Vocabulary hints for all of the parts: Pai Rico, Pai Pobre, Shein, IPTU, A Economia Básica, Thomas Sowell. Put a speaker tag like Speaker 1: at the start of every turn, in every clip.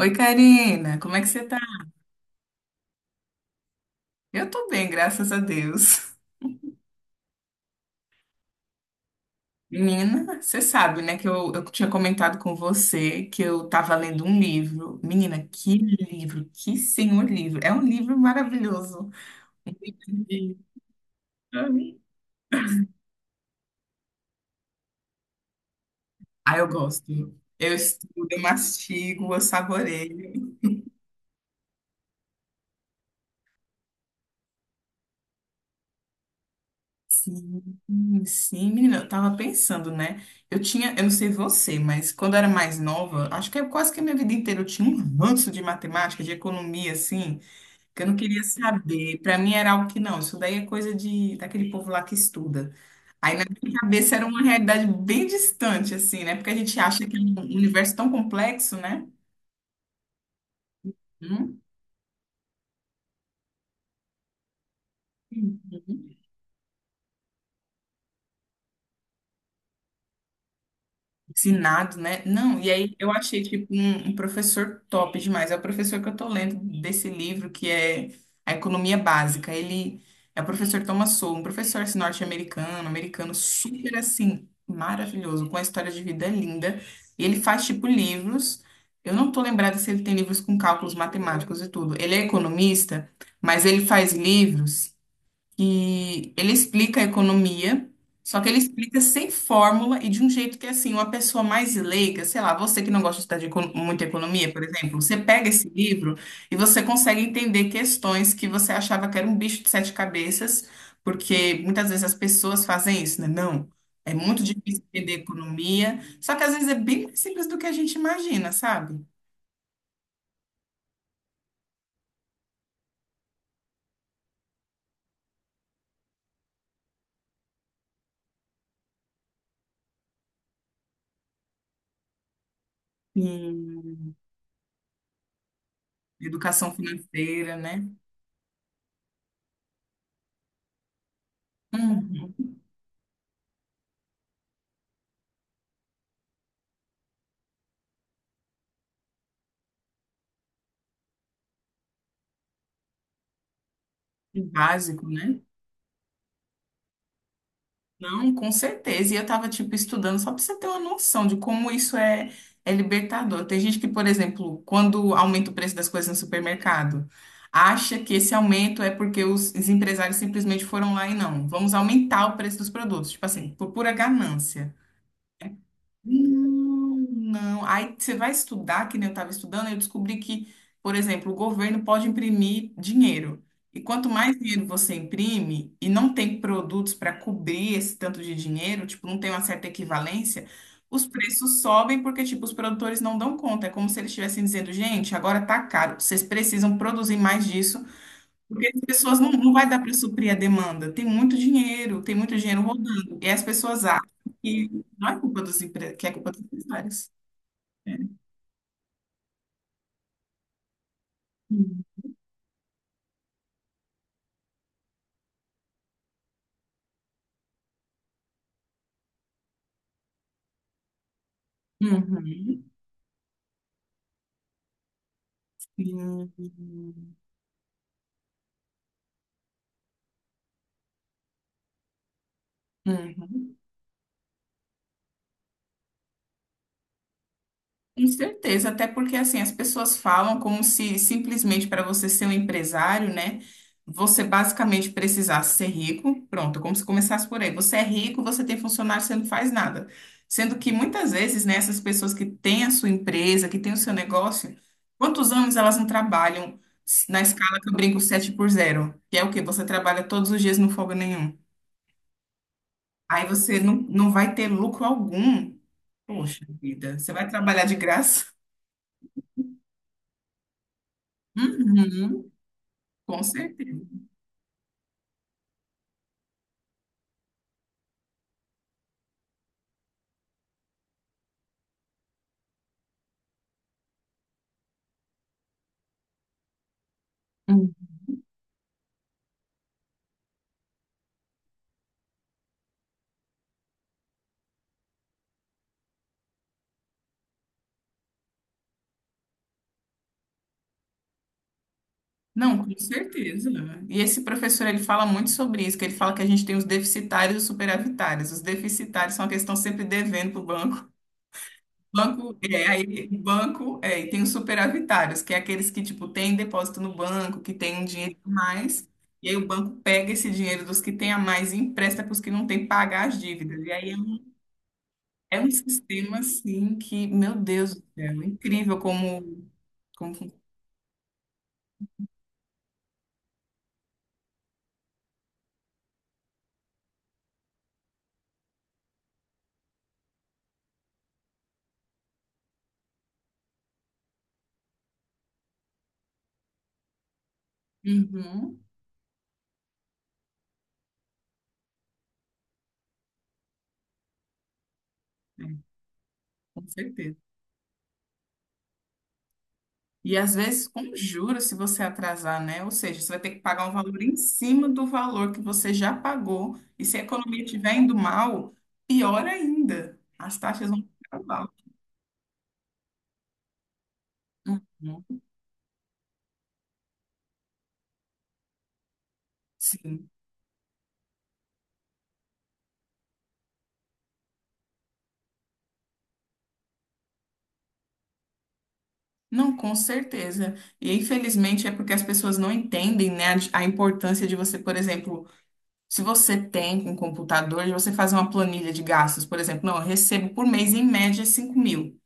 Speaker 1: Oi, Karina, como é que você tá? Eu tô bem, graças a Deus. Menina, você sabe, né, que eu tinha comentado com você que eu tava lendo um livro. Menina, que livro, que senhor livro. É um livro maravilhoso. Um livro de- Ah, eu gosto. Eu estudo, eu mastigo, eu saboreio. Sim, menina, eu tava pensando, né? Eu não sei você, mas quando eu era mais nova, acho que é quase que a minha vida inteira eu tinha um ranço de matemática, de economia, assim. Que eu não queria saber. Para mim era algo que não, isso daí é coisa de daquele povo lá que estuda. Aí na minha cabeça era uma realidade bem distante, assim, né? Porque a gente acha que é um universo tão complexo, né? Hum? Ensinado, né? Não, e aí eu achei, tipo, um professor top demais. É o professor que eu tô lendo desse livro, que é A Economia Básica. Ele é o professor Thomas Sowell, um professor assim, norte-americano, americano, super, assim, maravilhoso, com uma história de vida linda. E ele faz, tipo, livros... Eu não tô lembrada se ele tem livros com cálculos matemáticos e tudo. Ele é economista, mas ele faz livros que ele explica a economia, só que ele explica sem fórmula e de um jeito que, é assim, uma pessoa mais leiga, sei lá, você que não gosta de estudar de econo- muita economia, por exemplo, você pega esse livro e você consegue entender questões que você achava que era um bicho de sete cabeças, porque muitas vezes as pessoas fazem isso, né? Não. É muito difícil entender economia, só que às vezes é bem mais simples do que a gente imagina, sabe? Sim. Educação financeira, né? Hum, básico, né? Não, com certeza. E eu tava, tipo, estudando só pra você ter uma noção de como isso é, é libertador. Tem gente que, por exemplo, quando aumenta o preço das coisas no supermercado, acha que esse aumento é porque os empresários simplesmente foram lá e não, vamos aumentar o preço dos produtos. Tipo assim, por pura ganância. Não, aí você vai estudar, que nem eu estava estudando, eu descobri que, por exemplo, o governo pode imprimir dinheiro. E quanto mais dinheiro você imprime e não tem produtos para cobrir esse tanto de dinheiro, tipo, não tem uma certa equivalência, os preços sobem porque, tipo, os produtores não dão conta. É como se eles estivessem dizendo, gente, agora tá caro, vocês precisam produzir mais disso porque as pessoas não, não vai dar para suprir a demanda. Tem muito dinheiro rodando. E as pessoas acham que não é culpa dos empre... que é culpa dos empresários. Uhum. Uhum. Uhum. Com certeza, até porque assim, as pessoas falam como se simplesmente para você ser um empresário, né, você basicamente precisasse ser rico, pronto, como se começasse por aí. Você é rico, você tem funcionário, você não faz nada. Sendo que muitas vezes, né, essas pessoas que têm a sua empresa, que têm o seu negócio, quantos anos elas não trabalham na escala que eu brinco 7 por zero, que é o quê? Você trabalha todos os dias, não folga nenhum. Aí você não, não vai ter lucro algum. Poxa vida, você vai trabalhar de graça? Uhum. Com certeza. Hum. Não, com certeza. E esse professor, ele fala muito sobre isso, que ele fala que a gente tem os deficitários e os superavitários. Os deficitários são aqueles que estão sempre devendo para o banco. Banco, é, aí, banco, é, e tem os superavitários, que é aqueles que, tipo, têm depósito no banco, que têm um dinheiro a mais, e aí o banco pega esse dinheiro dos que têm a mais e empresta para os que não têm pagar as dívidas. E aí é um sistema, assim, que, meu Deus do céu, é incrível como... como... Uhum, é, com certeza. E às vezes com juros, se você atrasar, né? Ou seja, você vai ter que pagar um valor em cima do valor que você já pagou. E se a economia estiver indo mal, pior ainda. As taxas vão ficar mal. Uhum. Sim. Não, com certeza. E infelizmente é porque as pessoas não entendem, né, a importância de você, por exemplo, se você tem um computador, de você fazer uma planilha de gastos, por exemplo, não, eu recebo por mês em média 5.000.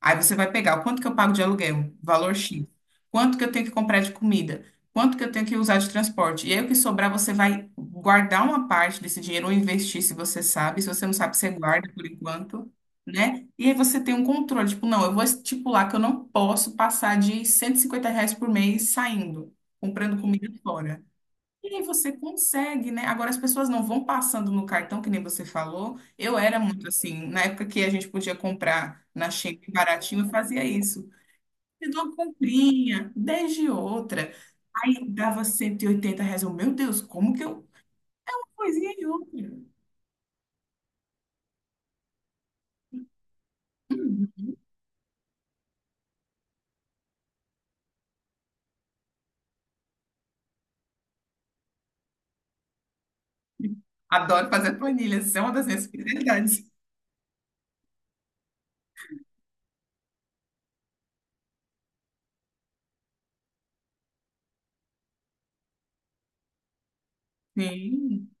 Speaker 1: Aí você vai pegar o quanto que eu pago de aluguel, valor X, quanto que eu tenho que comprar de comida, quanto que eu tenho que usar de transporte. E aí o que sobrar, você vai guardar uma parte desse dinheiro ou investir, se você sabe. Se você não sabe, você guarda por enquanto, né? E aí você tem um controle, tipo, não, eu vou estipular que eu não posso passar de R$ 150 por mês saindo, comprando comida fora. E aí você consegue, né? Agora as pessoas não vão passando no cartão, que nem você falou. Eu era muito assim, na época que a gente podia comprar na Shein baratinho, eu fazia isso. Fiz uma comprinha, 10 de outra. Aí dava R$ 180. Eu, meu Deus, como que eu... Uma coisinha e outra. Uhum. Adoro fazer planilhas, isso é uma das minhas prioridades. Sim.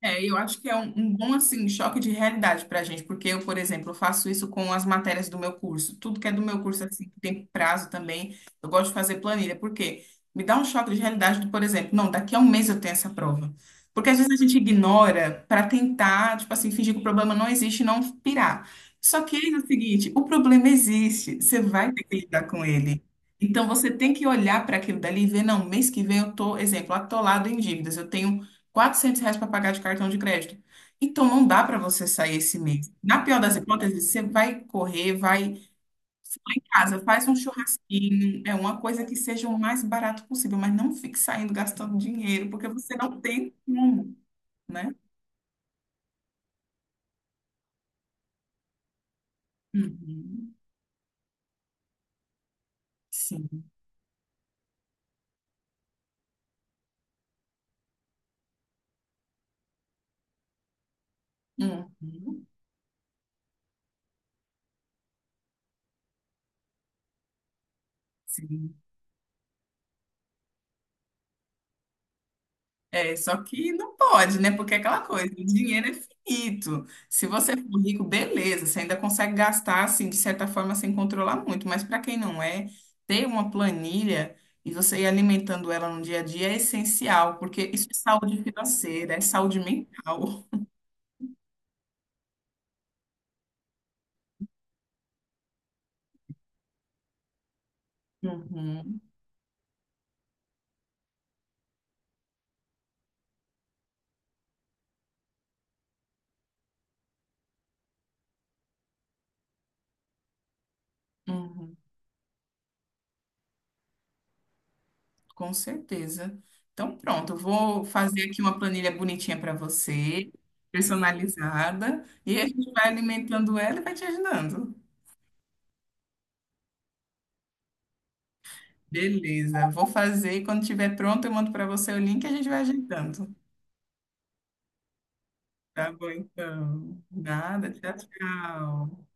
Speaker 1: É, eu acho que é um bom assim choque de realidade para a gente, porque eu, por exemplo, faço isso com as matérias do meu curso. Tudo que é do meu curso assim que tem prazo também, eu gosto de fazer planilha, porque me dá um choque de realidade do, por exemplo, não, daqui a um mês eu tenho essa prova. Porque às vezes a gente ignora para tentar, tipo assim, fingir que o problema não existe e não pirar. Só que é o seguinte, o problema existe, você vai ter que lidar com ele. Então você tem que olhar para aquilo dali e ver, não, mês que vem eu tô, exemplo, atolado em dívidas, eu tenho R$ 400 para pagar de cartão de crédito. Então, não dá para você sair esse mês. Na pior das hipóteses, você vai correr, vai. Você vai em casa, faz um churrasquinho, é uma coisa que seja o mais barato possível, mas não fique saindo gastando dinheiro, porque você não tem como, né? Uhum, sim. Uhum, sim. É, só que não pode, né? Porque é aquela coisa, o dinheiro é finito. Se você for rico, beleza, você ainda consegue gastar, assim, de certa forma, sem controlar muito. Mas para quem não é, ter uma planilha e você ir alimentando ela no dia a dia é essencial, porque isso é saúde financeira, é saúde mental. Uhum, uhum, com certeza. Então, pronto, eu vou fazer aqui uma planilha bonitinha para você, personalizada, e a gente vai alimentando ela e vai te ajudando. Beleza, vou fazer e quando estiver pronto eu mando para você o link e a gente vai ajeitando. Tá bom, então. Nada, tchau, tchau.